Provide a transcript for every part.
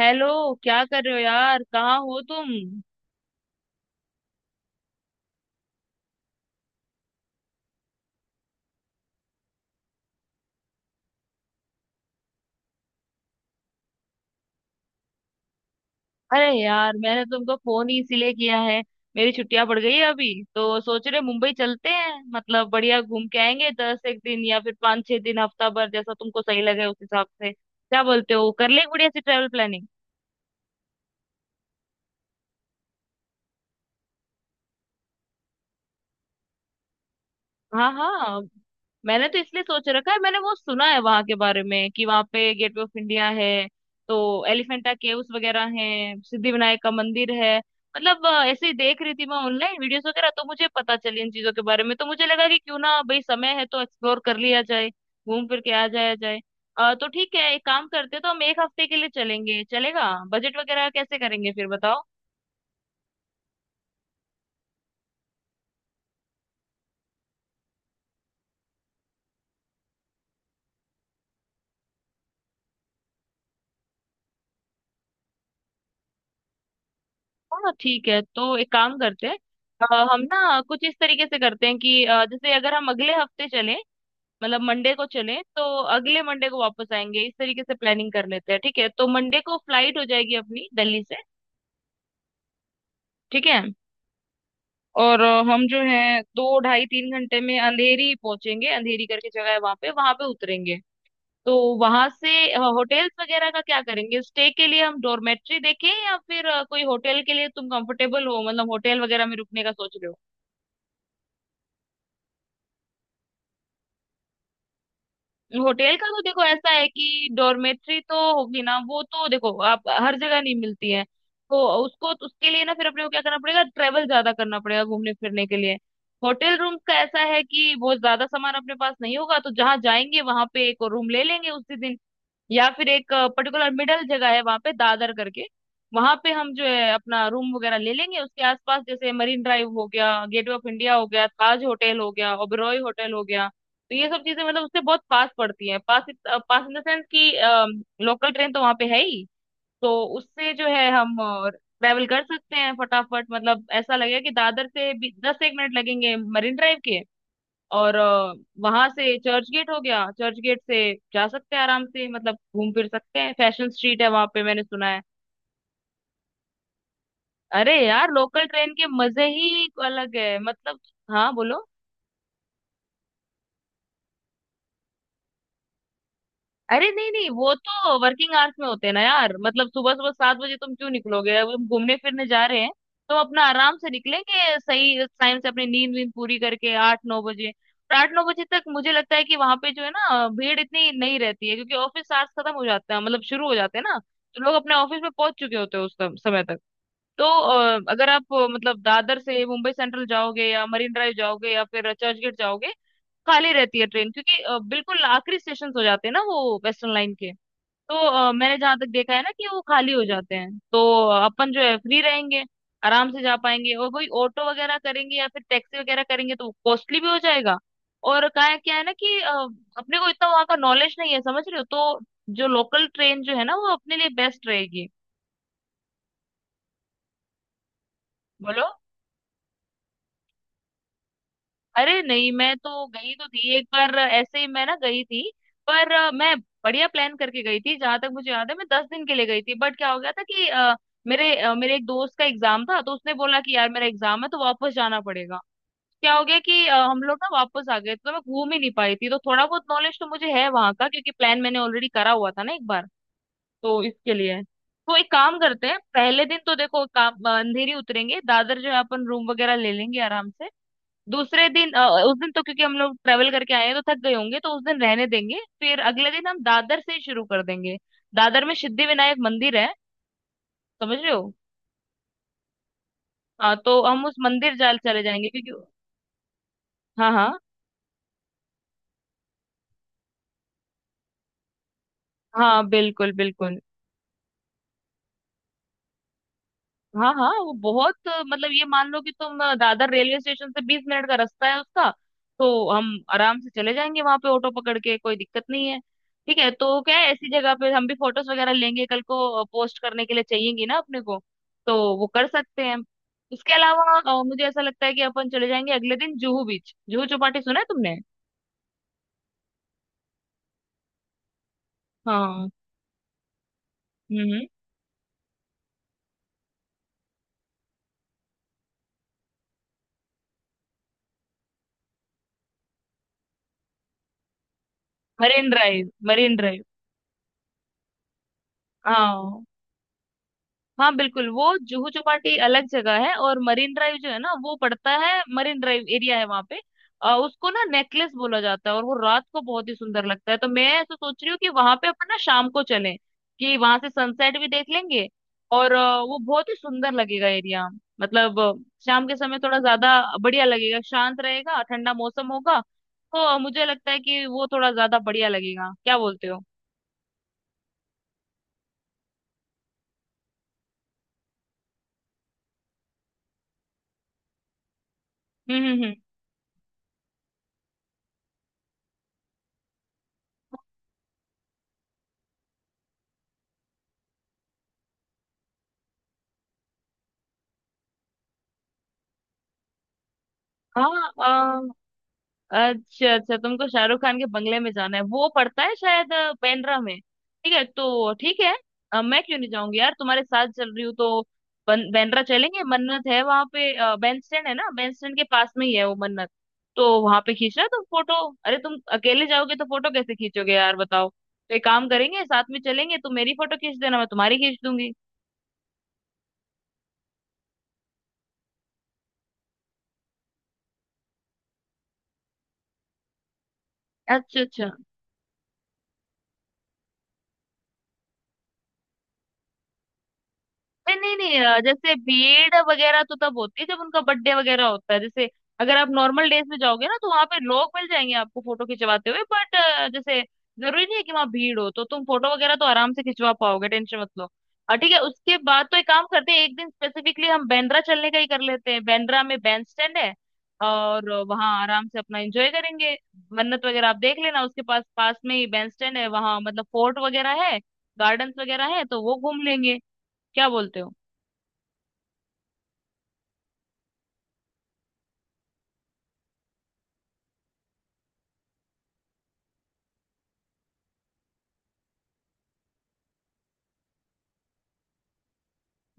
Hello. क्या कर रहे हो यार? कहाँ हो तुम? अरे यार, मैंने तुमको फोन ही इसीलिए किया है। मेरी छुट्टियां पड़ गई है अभी। तो सोच रहे मुंबई चलते हैं, मतलब बढ़िया घूम के आएंगे दस एक दिन या फिर पाँच छह दिन, हफ्ता भर, जैसा तुमको सही लगे उस हिसाब से। क्या बोलते हो? कर ले बढ़िया सी ट्रेवल प्लानिंग। हाँ हाँ, मैंने तो इसलिए सोच रखा है। मैंने वो सुना है वहां के बारे में कि वहां पे गेटवे ऑफ इंडिया है। तो एलिफेंटा केव्स वगैरह हैं, सिद्धिविनायक का मंदिर है। मतलब ऐसे ही देख रही थी मैं ऑनलाइन वीडियोस वगैरह, तो मुझे पता चली इन चीजों के बारे में। तो मुझे लगा कि क्यों ना भाई, समय है तो एक्सप्लोर कर लिया जाए। घूम फिर के आ जाया जाए। तो ठीक है, एक काम करते हैं, तो हम एक हफ्ते के लिए चलेंगे। चलेगा? बजट वगैरह कैसे करेंगे फिर बताओ। हाँ हाँ, ठीक है, तो एक काम करते हैं। हम ना कुछ इस तरीके से करते हैं कि जैसे अगर हम अगले हफ्ते चलें, मतलब मंडे को चलें तो अगले मंडे को वापस आएंगे। इस तरीके से प्लानिंग कर लेते हैं, ठीक है? तो मंडे को फ्लाइट हो जाएगी अपनी दिल्ली से। ठीक है। और हम जो है दो ढाई तीन घंटे में अंधेरी पहुंचेंगे। अंधेरी करके जगह है वहां पे उतरेंगे। तो वहां से होटल्स वगैरह का क्या करेंगे? स्टे के लिए हम डॉर्मेट्री देखें या फिर कोई होटल के लिए तुम कंफर्टेबल हो, मतलब होटल वगैरह में रुकने का सोच रहे हो? होटल का तो देखो ऐसा है कि डॉर्मेट्री तो होगी ना, वो तो देखो आप हर जगह नहीं मिलती है। तो उसको तो, उसके लिए ना फिर अपने को क्या करना पड़ेगा, ट्रेवल ज्यादा करना पड़ेगा घूमने फिरने के लिए। होटल रूम का ऐसा है कि बहुत ज्यादा सामान अपने पास नहीं होगा तो जहाँ जाएंगे वहां पे एक और रूम ले लेंगे उसी दिन। या फिर एक पर्टिकुलर मिडल जगह है वहां पे, दादर करके। वहां पे हम जो है अपना रूम वगैरह ले लेंगे, उसके आसपास जैसे मरीन ड्राइव हो गया, गेटवे ऑफ इंडिया हो गया, ताज होटल हो गया, ओबेरॉय होटल हो गया। तो ये सब चीजें मतलब उससे बहुत पास पड़ती हैं, पास पास इन द सेंस कि लोकल ट्रेन तो वहां पे है ही। तो उससे जो है हम ट्रेवल कर सकते हैं फटाफट। मतलब ऐसा लगेगा कि दादर से भी दस एक मिनट लगेंगे मरीन ड्राइव के। और वहां से चर्च गेट हो गया, चर्च गेट से जा सकते हैं आराम से, मतलब घूम फिर सकते हैं। फैशन स्ट्रीट है वहां पे, मैंने सुना है। अरे यार, लोकल ट्रेन के मजे ही अलग है मतलब। हाँ बोलो। अरे नहीं नहीं, वो तो वर्किंग आवर्स में होते हैं ना यार। मतलब सुबह सुबह 7 बजे तुम क्यों निकलोगे? अब हम घूमने फिरने जा रहे हैं। तो अपना आराम से निकलेंगे सही टाइम से, अपनी नींद वींद पूरी करके, 8-9 बजे। और 8-9 बजे तक मुझे लगता है कि वहां पे जो है ना, भीड़ इतनी नहीं रहती है, क्योंकि ऑफिस आवर्स खत्म हो जाते हैं, मतलब शुरू हो जाते हैं ना। तो लोग अपने ऑफिस में पहुंच चुके होते हैं उस समय तक। तो अगर आप मतलब दादर से मुंबई सेंट्रल जाओगे या मरीन ड्राइव जाओगे या फिर चर्चगेट जाओगे, खाली रहती है ट्रेन, क्योंकि बिल्कुल आखिरी स्टेशन हो जाते हैं ना वो वेस्टर्न लाइन के। तो मैंने जहां तक देखा है ना, कि वो खाली हो जाते हैं। तो अपन जो है फ्री रहेंगे, आराम से जा पाएंगे, और वही ऑटो वगैरह करेंगे या फिर टैक्सी वगैरह करेंगे तो कॉस्टली भी हो जाएगा। और का है, क्या है ना कि अपने को इतना वहां का नॉलेज नहीं है, समझ रहे हो? तो जो लोकल ट्रेन जो है ना, वो अपने लिए बेस्ट रहेगी। बोलो। अरे नहीं, मैं तो गई तो थी एक बार, ऐसे ही मैं ना गई थी। पर मैं बढ़िया प्लान करके गई थी। जहां तक मुझे याद है, मैं 10 दिन के लिए गई थी। बट क्या हो गया था कि मेरे एक दोस्त का एग्जाम था, तो उसने बोला कि यार मेरा एग्जाम है तो वापस जाना पड़ेगा। क्या हो गया कि हम लोग ना वापस आ गए, तो मैं घूम ही नहीं पाई थी। तो थोड़ा बहुत नॉलेज तो मुझे है वहां का, क्योंकि प्लान मैंने ऑलरेडी करा हुआ था ना, एक बार। तो इसके लिए, तो एक काम करते हैं, पहले दिन तो देखो काम अंधेरी उतरेंगे, दादर जो है अपन रूम वगैरह ले लेंगे आराम से। दूसरे दिन, उस दिन तो क्योंकि हम लोग ट्रेवल करके आए हैं तो थक गए होंगे, तो उस दिन रहने देंगे। फिर अगले दिन हम दादर से ही शुरू कर देंगे। दादर में सिद्धि विनायक मंदिर है, समझ रहे हो? हाँ, तो हम उस मंदिर जाल चले जाएंगे, क्योंकि हाँ हाँ, हाँ बिल्कुल बिल्कुल। हाँ हाँ, वो बहुत मतलब ये मान लो कि तुम दादर रेलवे स्टेशन से 20 मिनट का रास्ता है उसका। तो हम आराम से चले जाएंगे वहां पे ऑटो पकड़ के, कोई दिक्कत नहीं है। ठीक है, तो क्या है, ऐसी जगह पे हम भी फोटोज वगैरह लेंगे, कल को पोस्ट करने के लिए चाहिएगी ना अपने को। तो वो कर सकते हैं। इसके अलावा मुझे ऐसा लगता है कि अपन चले जाएंगे अगले दिन जुहू बीच। जुहू चौपाटी सुना है तुमने? हाँ। हम्म, मरीन ड्राइव, मरीन ड्राइव। हाँ हाँ बिल्कुल, वो जुहू चौपाटी अलग जगह है, और मरीन ड्राइव जो है ना वो पड़ता है, मरीन ड्राइव एरिया है वहां पे। उसको ना नेकलेस बोला जाता है, और वो रात को बहुत ही सुंदर लगता है। तो मैं ऐसा सोच रही हूँ कि वहां पे अपन ना शाम को चलें, कि वहां से सनसेट भी देख लेंगे। और वो बहुत ही सुंदर लगेगा एरिया। मतलब शाम के समय थोड़ा ज्यादा बढ़िया लगेगा, शांत रहेगा, ठंडा मौसम होगा। तो मुझे लगता है कि वो थोड़ा ज्यादा बढ़िया लगेगा। क्या बोलते हो? हम्म, हम्म, हम्म। हाँ। अच्छा अच्छा, तुमको शाहरुख खान के बंगले में जाना है। वो पड़ता है शायद बांद्रा में। ठीक है, तो ठीक है। मैं क्यों नहीं जाऊंगी यार, तुम्हारे साथ चल रही हूँ तो। बांद्रा चलेंगे, मन्नत है वहां पे। बैंड स्टैंड है ना, बैंड स्टैंड के पास में ही है वो मन्नत। तो वहां पे खींचना तुम फोटो। अरे तुम अकेले जाओगे तो फोटो कैसे खींचोगे यार, बताओ। तो एक काम करेंगे, साथ में चलेंगे, तुम मेरी फोटो खींच देना, मैं तुम्हारी खींच दूंगी। अच्छा अच्छा। नहीं नहीं नहीं, जैसे भीड़ वगैरह तो तब होती है जब उनका बर्थडे वगैरह होता है। जैसे अगर आप नॉर्मल डेज में जाओगे ना, तो वहां पे लोग मिल जाएंगे आपको फोटो खिंचवाते हुए। बट जैसे, जरूरी नहीं है कि वहां भीड़ हो। तो तुम फोटो वगैरह तो आराम से खिंचवा पाओगे, टेंशन मत लो। ठीक है, उसके बाद तो एक काम करते हैं, एक दिन स्पेसिफिकली हम बांद्रा चलने का ही कर लेते हैं। बांद्रा में बैंड स्टैंड है, और वहां आराम से अपना एंजॉय करेंगे। मन्नत वगैरह आप देख लेना, उसके पास पास में ही बैंड स्टैंड है वहां, मतलब फोर्ट वगैरह है, गार्डन्स वगैरह है, तो वो घूम लेंगे। क्या बोलते हो?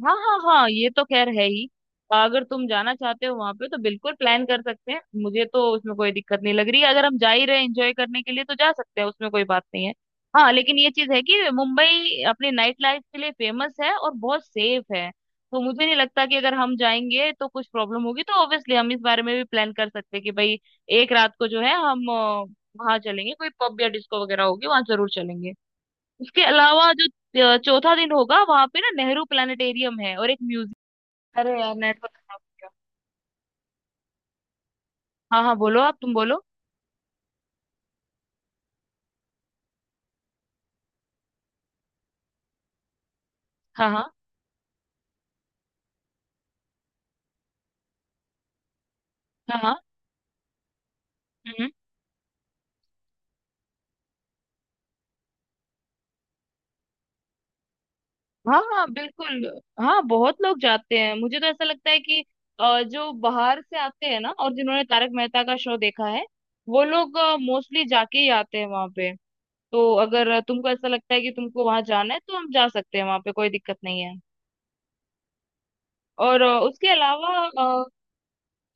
हाँ हाँ हाँ, ये तो खैर है ही। अगर तुम जाना चाहते हो वहां पे तो बिल्कुल प्लान कर सकते हैं। मुझे तो उसमें कोई दिक्कत नहीं लग रही। अगर हम जा ही रहे एंजॉय करने के लिए तो जा सकते हैं, उसमें कोई बात नहीं है। हाँ लेकिन ये चीज है कि मुंबई अपनी नाइट लाइफ के लिए फेमस है और बहुत सेफ है। तो मुझे नहीं लगता कि अगर हम जाएंगे तो कुछ प्रॉब्लम होगी। तो ऑब्वियसली हम इस बारे में भी प्लान कर सकते हैं कि भाई, एक रात को जो है हम वहाँ चलेंगे। कोई पब या डिस्को वगैरह होगी, वहां जरूर चलेंगे। उसके अलावा जो चौथा दिन होगा, वहां पे ना नेहरू प्लानिटेरियम है और एक म्यूजियम। अरे यार, नेटवर्क खराब हो गया। हाँ हाँ, बोलो आप, तुम बोलो। हाँ हाँ हाँ हाँ। हम्म। हाँ हाँ बिल्कुल। हाँ बहुत लोग जाते हैं। मुझे तो ऐसा लगता है कि जो बाहर से आते हैं ना और जिन्होंने तारक मेहता का शो देखा है, वो लोग मोस्टली जाके ही आते हैं वहां पे। तो अगर तुमको ऐसा लगता है कि तुमको वहां जाना है, तो हम जा सकते हैं वहां पे, कोई दिक्कत नहीं है। और उसके अलावा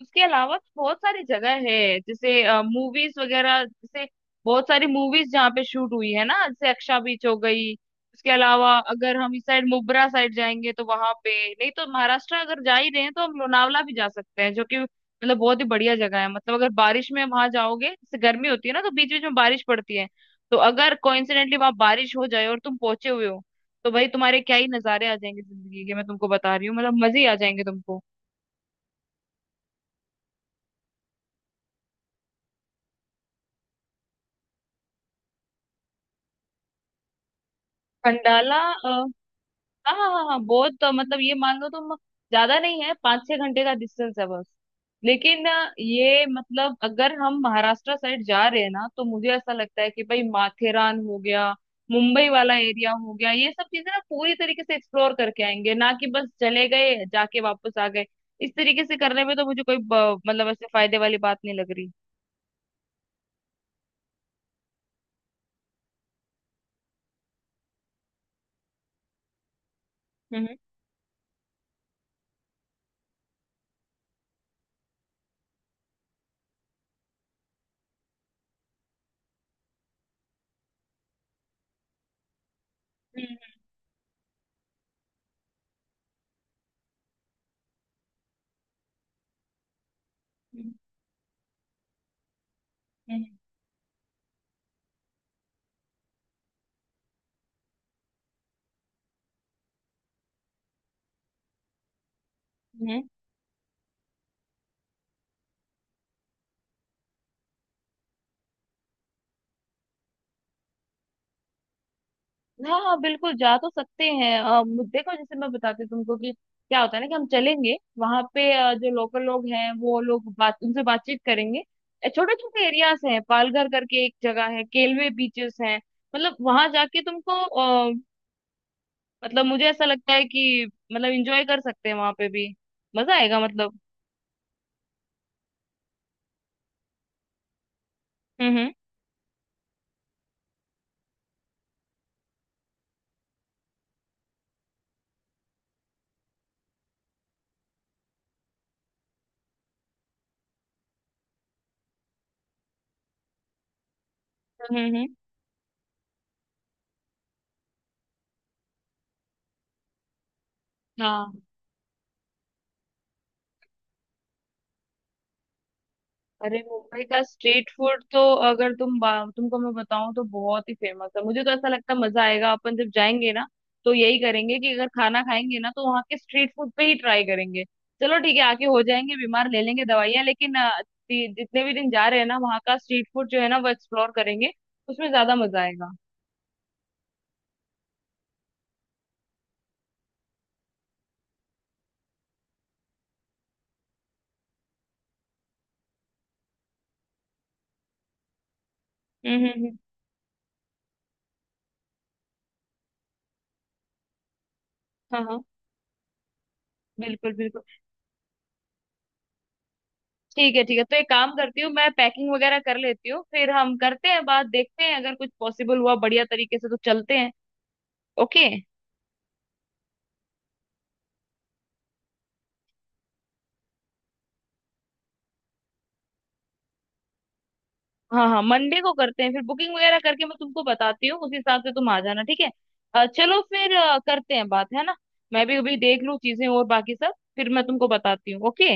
उसके अलावा तो बहुत सारी जगह है, जैसे मूवीज वगैरह, जैसे बहुत सारी मूवीज जहाँ पे शूट हुई है ना, जैसे अक्षा बीच हो गई। उसके अलावा अगर हम इस साइड मुब्रा साइड जाएंगे तो वहां पे, नहीं तो महाराष्ट्र अगर जा ही रहे हैं तो हम लोनावला भी जा सकते हैं, जो कि मतलब बहुत ही बढ़िया जगह है। मतलब अगर बारिश में वहां जाओगे, जैसे गर्मी होती है ना तो बीच बीच में बारिश पड़ती है। तो अगर कोइंसिडेंटली वहां बारिश हो जाए और तुम पहुंचे हुए हो, तो भाई तुम्हारे क्या ही नजारे आ जाएंगे जिंदगी के, मैं तुमको बता रही हूँ, मतलब मजे ही आ जाएंगे तुमको। खंडाला। हाँ हाँ हाँ हाँ, बहुत, तो मतलब ये मान लो तुम, ज्यादा नहीं है, पाँच छह घंटे का डिस्टेंस है बस। लेकिन ये मतलब अगर हम महाराष्ट्र साइड जा रहे हैं ना, तो मुझे ऐसा लगता है कि भाई, माथेरान हो गया, मुंबई वाला एरिया हो गया, ये सब चीजें ना पूरी तरीके से एक्सप्लोर करके आएंगे, ना कि बस चले गए जाके वापस आ गए। इस तरीके से करने में तो मुझे कोई मतलब ऐसे फायदे वाली बात नहीं लग रही। हम्म, हम्म, हम्म, हम्म, हम्म, हम्म। हाँ हाँ बिल्कुल, जा तो सकते हैं। देखो जैसे मैं बताती हूँ तुमको कि क्या होता है ना, कि हम चलेंगे वहां पे, जो लोकल लोग हैं वो लोग बात उनसे बातचीत करेंगे। छोटे छोटे एरियाज हैं, पालघर करके एक जगह है, केलवे बीचेस हैं। मतलब वहां जाके तुमको मतलब मुझे ऐसा लगता है कि मतलब इंजॉय कर सकते हैं वहां पे भी। मजा आएगा मतलब। हम्म, हम्म, हम्म, हाँ। अरे, मुंबई का स्ट्रीट फूड तो, अगर तुम तुमको मैं बताऊं तो बहुत ही फेमस है। मुझे तो ऐसा लगता है मजा आएगा अपन जब जाएंगे ना। तो यही करेंगे कि अगर खाना खाएंगे ना, तो वहाँ के स्ट्रीट फूड पे ही ट्राई करेंगे। चलो ठीक है, आके हो जाएंगे बीमार, ले लेंगे दवाइयाँ, लेकिन जितने भी दिन जा रहे हैं ना, वहाँ का स्ट्रीट फूड जो है ना, वो एक्सप्लोर करेंगे। उसमें ज्यादा मजा आएगा। हम्म, हम्म, हम्म। हाँ हाँ बिल्कुल बिल्कुल। ठीक है ठीक है, तो एक काम करती हूँ, मैं पैकिंग वगैरह कर लेती हूँ, फिर हम करते हैं बात। देखते हैं अगर कुछ पॉसिबल हुआ बढ़िया तरीके से तो चलते हैं। ओके। हाँ हाँ, मंडे को करते हैं फिर बुकिंग वगैरह करके, मैं तुमको बताती हूँ उस हिसाब से तुम आ जाना, ठीक है? चलो फिर, करते हैं बात, है ना? मैं भी अभी देख लूँ चीजें और बाकी सब, फिर मैं तुमको बताती हूँ, ओके।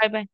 Bye bye.